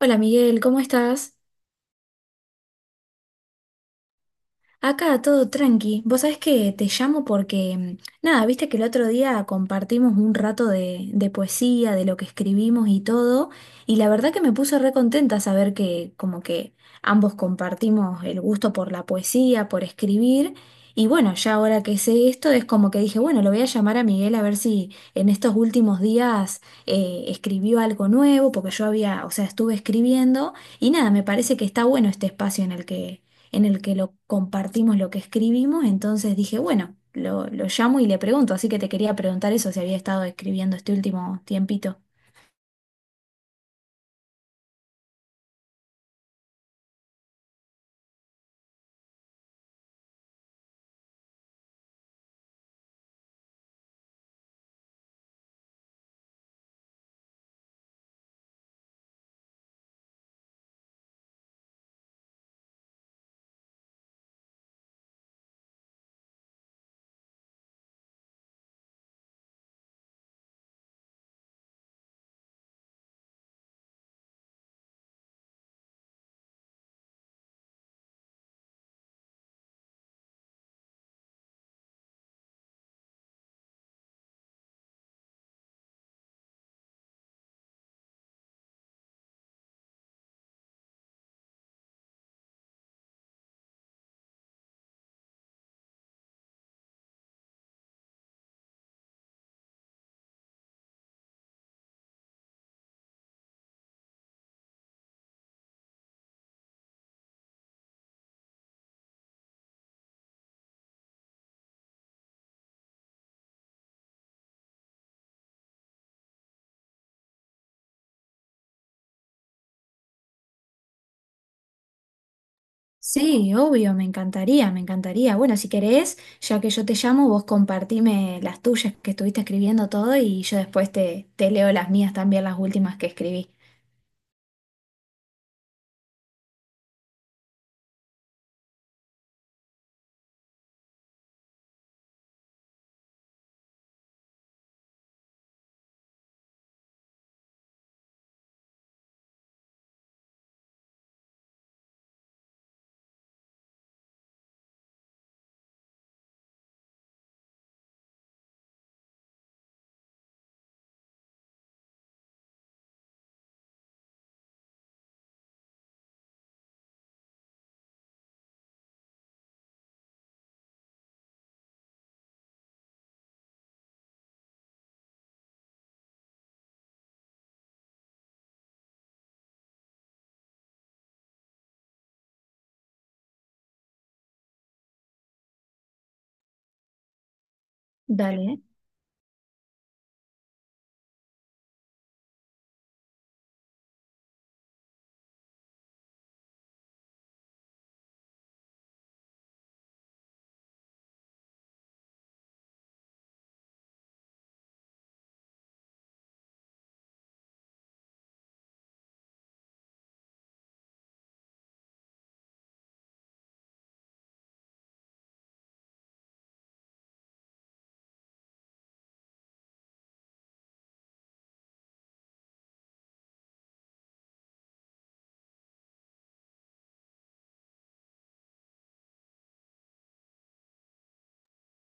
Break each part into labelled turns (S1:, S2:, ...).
S1: Hola Miguel, ¿cómo estás? Acá todo tranqui. Vos sabés que te llamo porque, nada, viste que el otro día compartimos un rato de poesía, de lo que escribimos y todo, y la verdad que me puso re contenta saber que como que ambos compartimos el gusto por la poesía, por escribir, y bueno, ya ahora que sé esto es como que dije, bueno, lo voy a llamar a Miguel a ver si en estos últimos días escribió algo nuevo, porque yo había, o sea, estuve escribiendo, y nada, me parece que está bueno este espacio en el que lo compartimos lo que escribimos, entonces dije, bueno, lo llamo y le pregunto, así que te quería preguntar eso, si había estado escribiendo este último tiempito. Sí, obvio, me encantaría, me encantaría. Bueno, si querés, ya que yo te llamo, vos compartime las tuyas que estuviste escribiendo todo y yo después te leo las mías también, las últimas que escribí. Dale.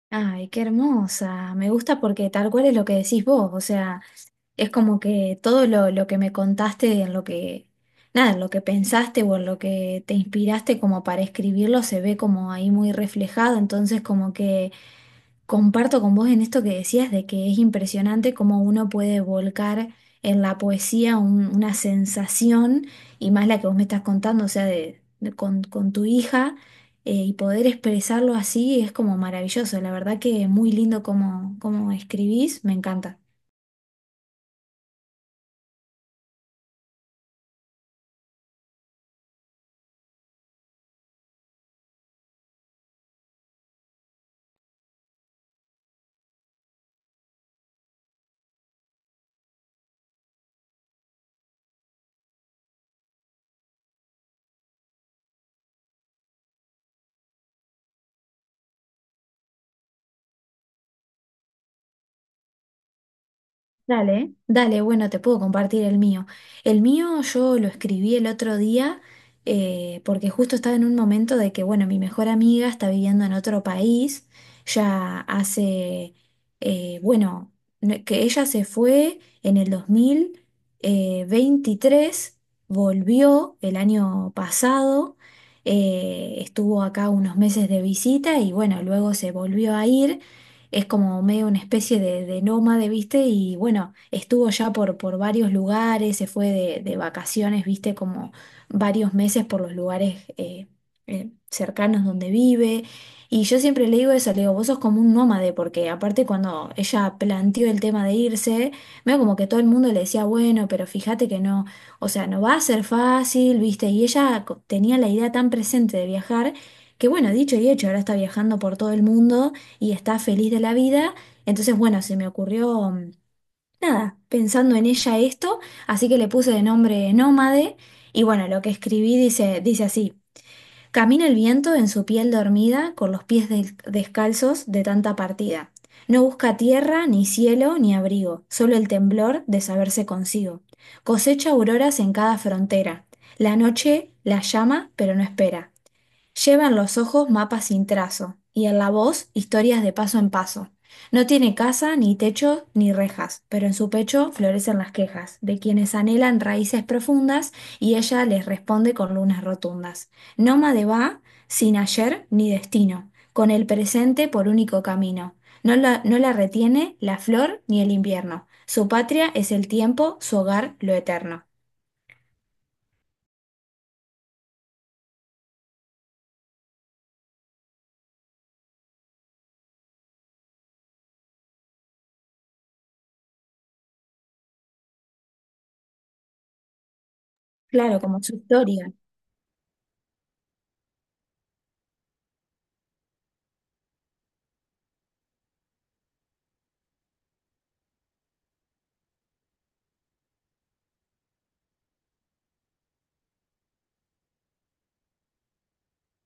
S1: Ay, qué hermosa. Me gusta porque tal cual es lo que decís vos, o sea... Es como que todo lo que me contaste, en lo que, nada, en lo que pensaste o en lo que te inspiraste como para escribirlo, se ve como ahí muy reflejado. Entonces, como que comparto con vos en esto que decías de que es impresionante cómo uno puede volcar en la poesía un- una sensación, y más la que vos me estás contando, o sea, con tu hija, y poder expresarlo así es como maravilloso. La verdad que muy lindo como cómo escribís, me encanta. Dale, dale, bueno, te puedo compartir el mío. El mío yo lo escribí el otro día porque justo estaba en un momento de que, bueno, mi mejor amiga está viviendo en otro país, ya hace, bueno, no- que ella se fue en el dos mil veintitrés, volvió el año pasado, estuvo acá unos meses de visita y, bueno, luego se volvió a ir, es como medio una especie de nómade, ¿viste? Y bueno, estuvo ya por varios lugares, se fue de vacaciones, ¿viste? Como varios meses por los lugares cercanos donde vive. Y yo siempre le digo eso, le digo, vos sos como un nómade, porque aparte cuando ella planteó el tema de irse, veo como que todo el mundo le decía, bueno, pero fíjate que no, o sea, no va a ser fácil, ¿viste? Y ella co- tenía la idea tan presente de viajar, que bueno, dicho y hecho, ahora está viajando por todo el mundo y está feliz de la vida. Entonces, bueno, se me ocurrió, nada, pensando en ella esto, así que le puse de nombre Nómade, y bueno, lo que escribí dice, dice así. Camina el viento en su piel dormida, con los pies del- descalzos de tanta partida. No busca tierra, ni cielo, ni abrigo, solo el temblor de saberse consigo. Cosecha auroras en cada frontera. La noche la llama, pero no espera. Lleva en los ojos mapas sin trazo y en la voz historias de paso en paso. No tiene casa, ni techo, ni rejas, pero en su pecho florecen las quejas de quienes anhelan raíces profundas y ella les responde con lunas rotundas. Nómade va sin ayer ni destino, con el presente por único camino. No la retiene la flor ni el invierno. Su patria es el tiempo, su hogar lo eterno. Claro, como su historia.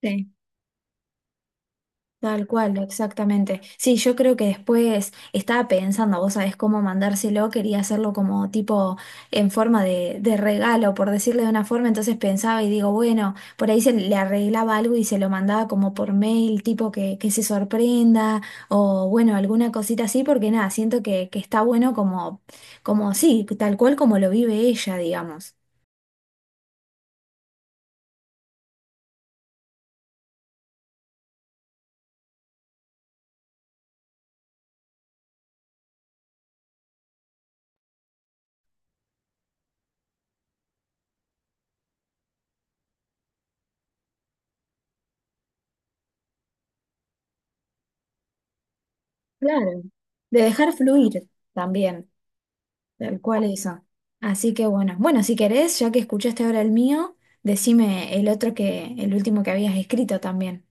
S1: Sí. Tal cual, exactamente. Sí, yo creo que después estaba pensando, vos sabés cómo mandárselo, quería hacerlo como tipo en forma de regalo, por decirle de una forma, entonces pensaba y digo, bueno, por ahí se le arreglaba algo y se lo mandaba como por mail, tipo que se sorprenda o bueno, alguna cosita así, porque nada, siento que está bueno como, como sí, tal cual como lo vive ella, digamos. Claro. De dejar fluir también. Tal cual eso. Así que bueno, bueno, si querés, ya que escuchaste ahora el mío, decime el otro que, el último que habías escrito también.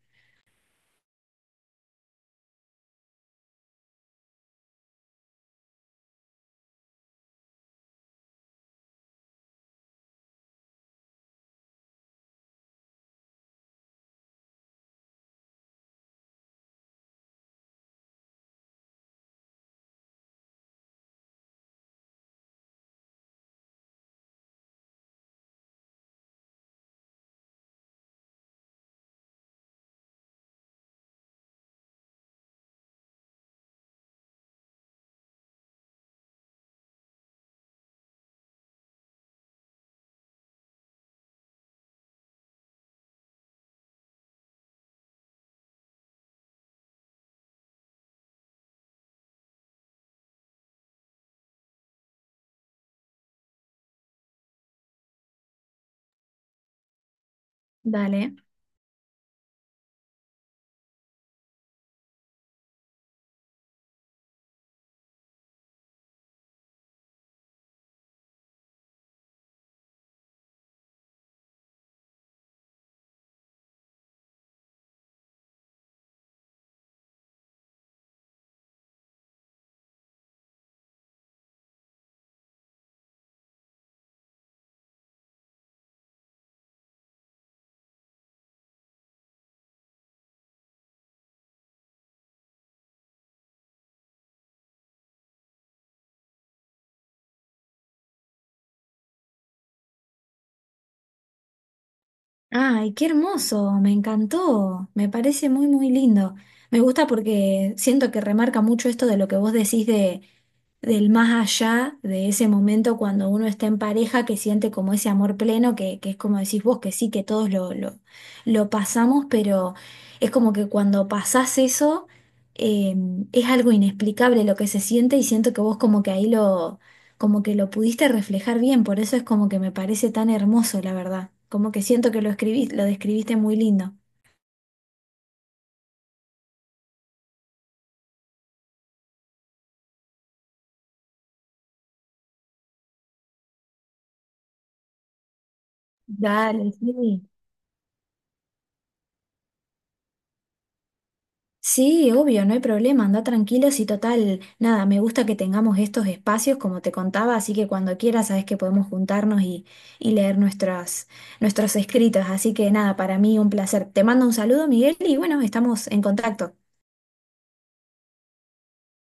S1: Dale. Ay, qué hermoso, me encantó, me parece muy, muy lindo. Me gusta porque siento que remarca mucho esto de lo que vos decís del más allá de ese momento cuando uno está en pareja que siente como ese amor pleno, que es como decís vos, que sí, que todos lo pasamos, pero es como que cuando pasás eso, eh, es algo inexplicable lo que se siente y siento que vos como que ahí lo, como que lo pudiste reflejar bien, por eso es como que me parece tan hermoso, la verdad, como que siento que lo escribís, lo describiste muy lindo. Dale, sí. Sí, obvio, no hay problema, anda tranquilos y total, nada, me gusta que tengamos estos espacios como te contaba, así que cuando quieras sabes que podemos juntarnos y leer nuestras, nuestros escritos, así que nada, para mí un placer. Te mando un saludo, Miguel, y bueno, estamos en contacto.